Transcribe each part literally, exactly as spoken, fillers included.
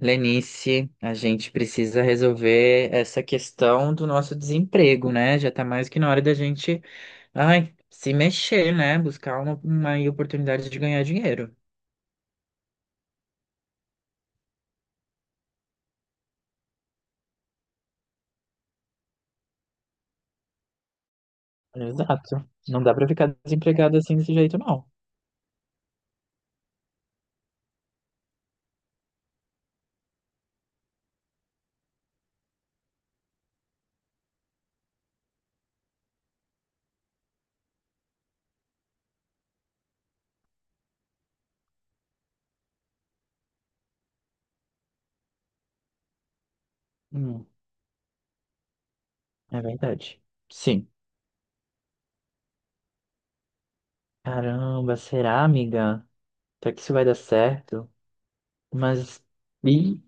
Lenice, a gente precisa resolver essa questão do nosso desemprego, né? Já tá mais que na hora da gente, ai, se mexer, né? Buscar uma, uma aí oportunidade de ganhar dinheiro. Exato. Não dá pra ficar desempregado assim desse jeito, não. Hum, é verdade. Sim. Caramba, será, amiga? Será que isso vai dar certo? Mas. Ih,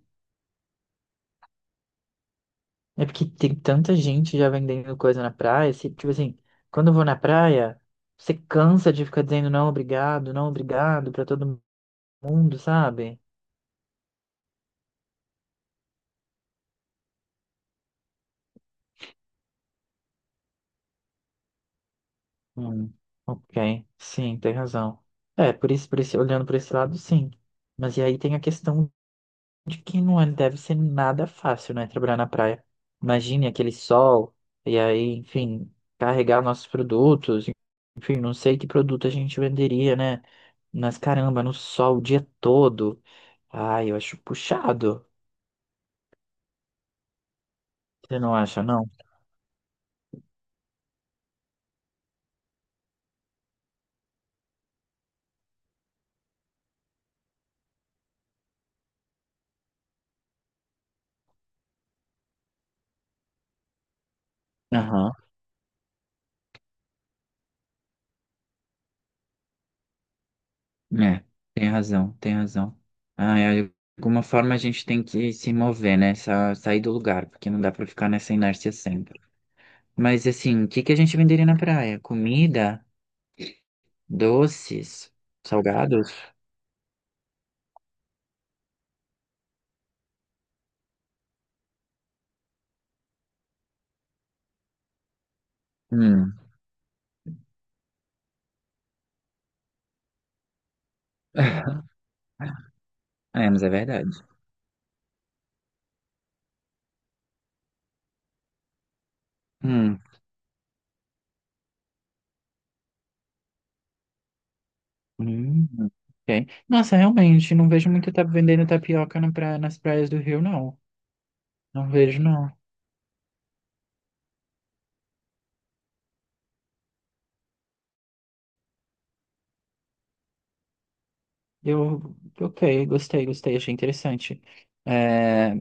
é porque tem tanta gente já vendendo coisa na praia. Se- tipo assim, quando eu vou na praia, você cansa de ficar dizendo não, obrigado, não, obrigado pra todo mundo, sabe? Hum, ok, sim, tem razão. É, por isso, por esse, olhando por esse lado, sim. Mas e aí tem a questão de que não é- deve ser nada fácil, né? Trabalhar na praia. Imagine aquele sol, e aí, enfim, carregar nossos produtos. Enfim, não sei que produto a gente venderia, né? Mas caramba, no sol o dia todo. Ai, eu acho puxado. Você não acha, não? Aham, é, tem razão, tem razão. Ah, é, de alguma forma a gente tem que se mover, né? sa- Sair do lugar, porque não dá pra ficar nessa inércia sempre. Mas assim, o que que a gente venderia na praia? Comida? Doces? Salgados? Hum. É, mas é verdade. Hum. Hum. Ok. Nossa, realmente, não vejo muito tá vendendo tapioca na praia, nas praias do Rio, não. Não vejo, não. Eu, ok, gostei, gostei, achei interessante. É,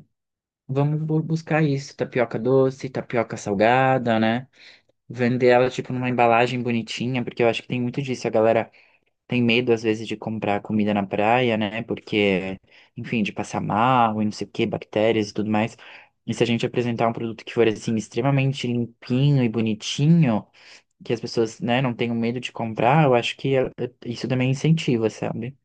vamos bu- buscar isso, tapioca doce, tapioca salgada, né? Vender ela, tipo, numa embalagem bonitinha, porque eu acho que tem muito disso. A galera tem medo às vezes de comprar comida na praia, né? Porque, enfim, de passar mal e não sei o que, bactérias e tudo mais. E se a gente apresentar um produto que for assim extremamente limpinho e bonitinho, que as pessoas, né, não tenham medo de comprar, eu acho que eh, isso também incentiva, sabe?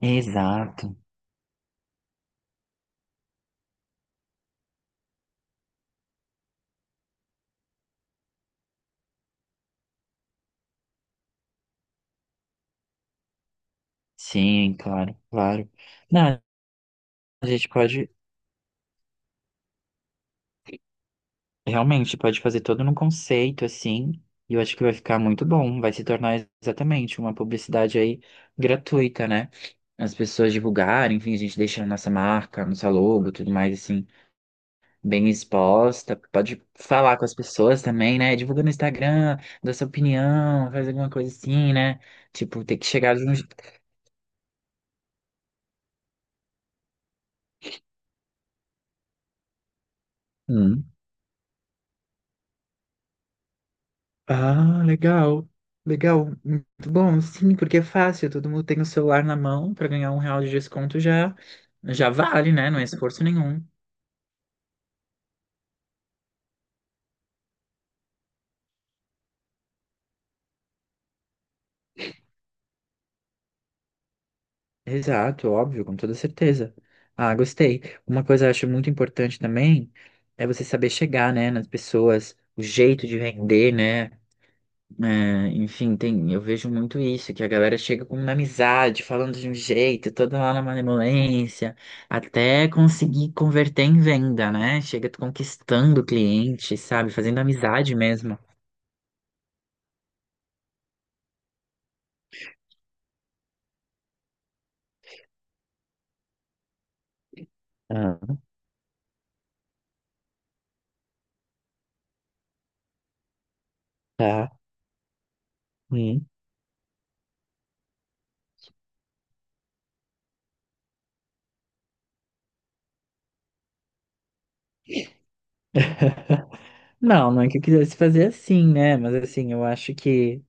Exato. Sim, claro, claro. Não, a gente pode. Realmente, pode fazer todo num conceito assim, e eu acho que vai ficar muito bom. Vai se tornar exatamente uma publicidade aí gratuita, né? As pessoas divulgarem, enfim, a gente deixa a nossa marca, nossa logo, tudo mais assim, bem exposta. Pode falar com as pessoas também, né? Divulga no Instagram, dá sua opinião, faz alguma coisa assim, né? Tipo, tem que chegar de um. je- Ah, legal. Legal, muito bom, sim, porque é fácil, todo mundo tem o celular na mão para ganhar um real de desconto já, já vale, né? Não é esforço nenhum. Exato, óbvio, com toda certeza. Ah, gostei. Uma coisa que eu acho muito importante também é você saber chegar, né, nas pessoas, o jeito de vender, né? É, enfim, tem, eu vejo muito isso, que a galera chega com uma amizade, falando de um jeito, toda lá na malemolência, até conseguir converter em venda, né? Chega conquistando o cliente, sabe? Fazendo amizade mesmo. Ah, tá. Hum. Não, não é que eu quisesse fazer assim, né? Mas assim, eu acho que,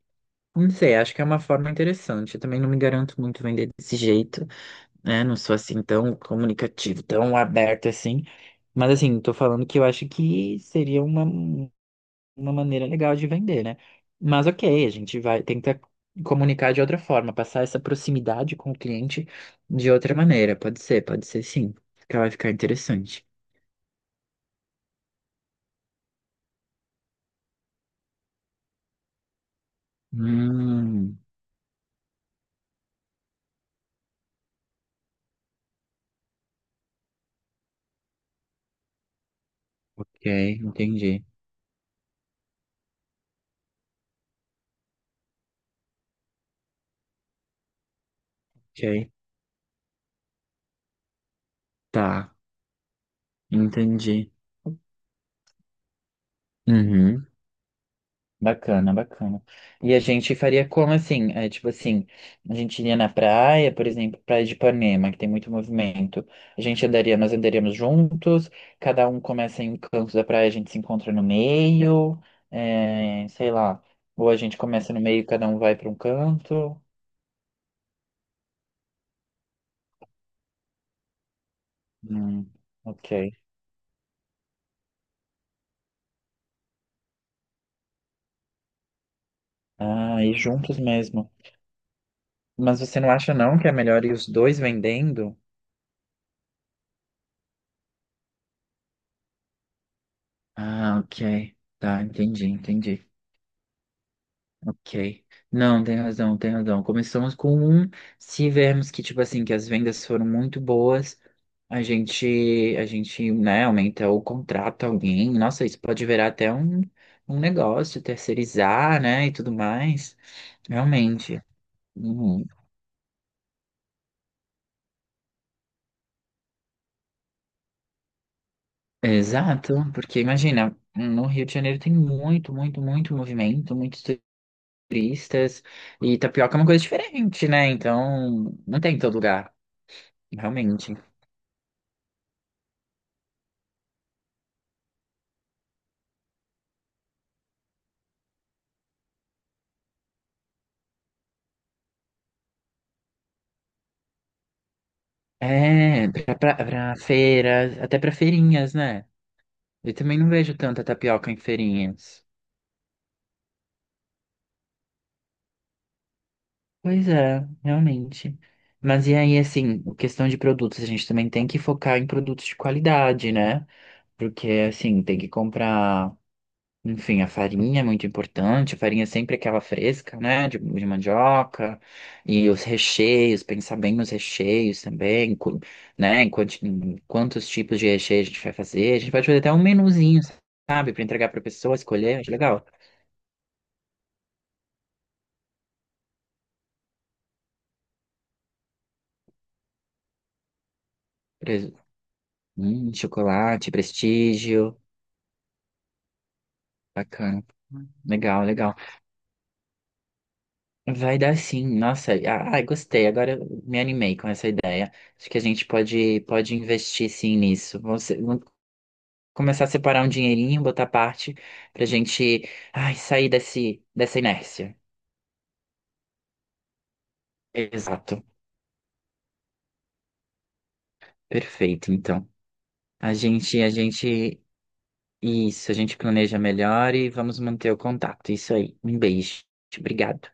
não sei, acho que é uma forma interessante. Eu também não me garanto muito vender desse jeito. Né? Não sou assim tão comunicativo, tão aberto assim. Mas assim, tô falando que eu acho que seria uma, uma maneira legal de vender, né? Mas ok, a gente vai tentar comunicar de outra forma, passar essa proximidade com o cliente de outra maneira. Pode ser, pode ser sim. Que vai ficar interessante. Hum, ok, entendi. Ok, tá, entendi. Uhum. Bacana, bacana. E a gente faria como assim? É, tipo assim, a gente iria na praia, por exemplo, praia de Ipanema, que tem muito movimento. A gente andaria, nós andaríamos juntos, cada um começa em um canto da praia, a gente se encontra no meio, é, sei lá. Ou a gente começa no meio, cada um vai para um canto. Hum, ok. Ah, e juntos mesmo. Mas você não acha não que é melhor ir os dois vendendo? Ah, ok. Tá, entendi, entendi. Ok. Não, tem razão, tem razão. Começamos com um. Se vermos que, tipo assim, que as vendas foram muito boas, a gente, a gente, né, aumenta o contrato a alguém. Nossa, isso pode virar até um, um negócio, terceirizar, né, e tudo mais. Realmente. Uhum. Exato, porque imagina, no Rio de Janeiro tem muito, muito, muito movimento, muitos turistas, e tapioca é uma coisa diferente, né? Então, não tem em todo lugar, realmente. É, pra, pra, pra feiras, até pra feirinhas, né? Eu também não vejo tanta tapioca em feirinhas. Pois é, realmente. Mas e aí, assim, questão de produtos, a gente também tem que focar em produtos de qualidade, né? Porque, assim, tem que comprar. Enfim, a farinha é muito importante, a farinha é sempre aquela fresca, né, de, de mandioca, e os recheios, pensar bem nos recheios também, cu- né, em, quanti- em quantos tipos de recheio a gente vai fazer, a gente pode fazer até um menuzinho, sabe, para entregar para a pessoa escolher, acho legal. Pres- Hum, chocolate, prestígio, bacana, legal, legal. Vai dar sim, nossa, a- ai, gostei, agora eu me animei com essa ideia. Acho que a gente pode, pode investir sim nisso. Você, começar a separar um dinheirinho, botar parte pra gente, ai, sair desse, dessa inércia. Exato. Perfeito, então. A gente, a gente, isso, a gente planeja melhor e vamos manter o contato. Isso aí. Um beijo. Obrigado.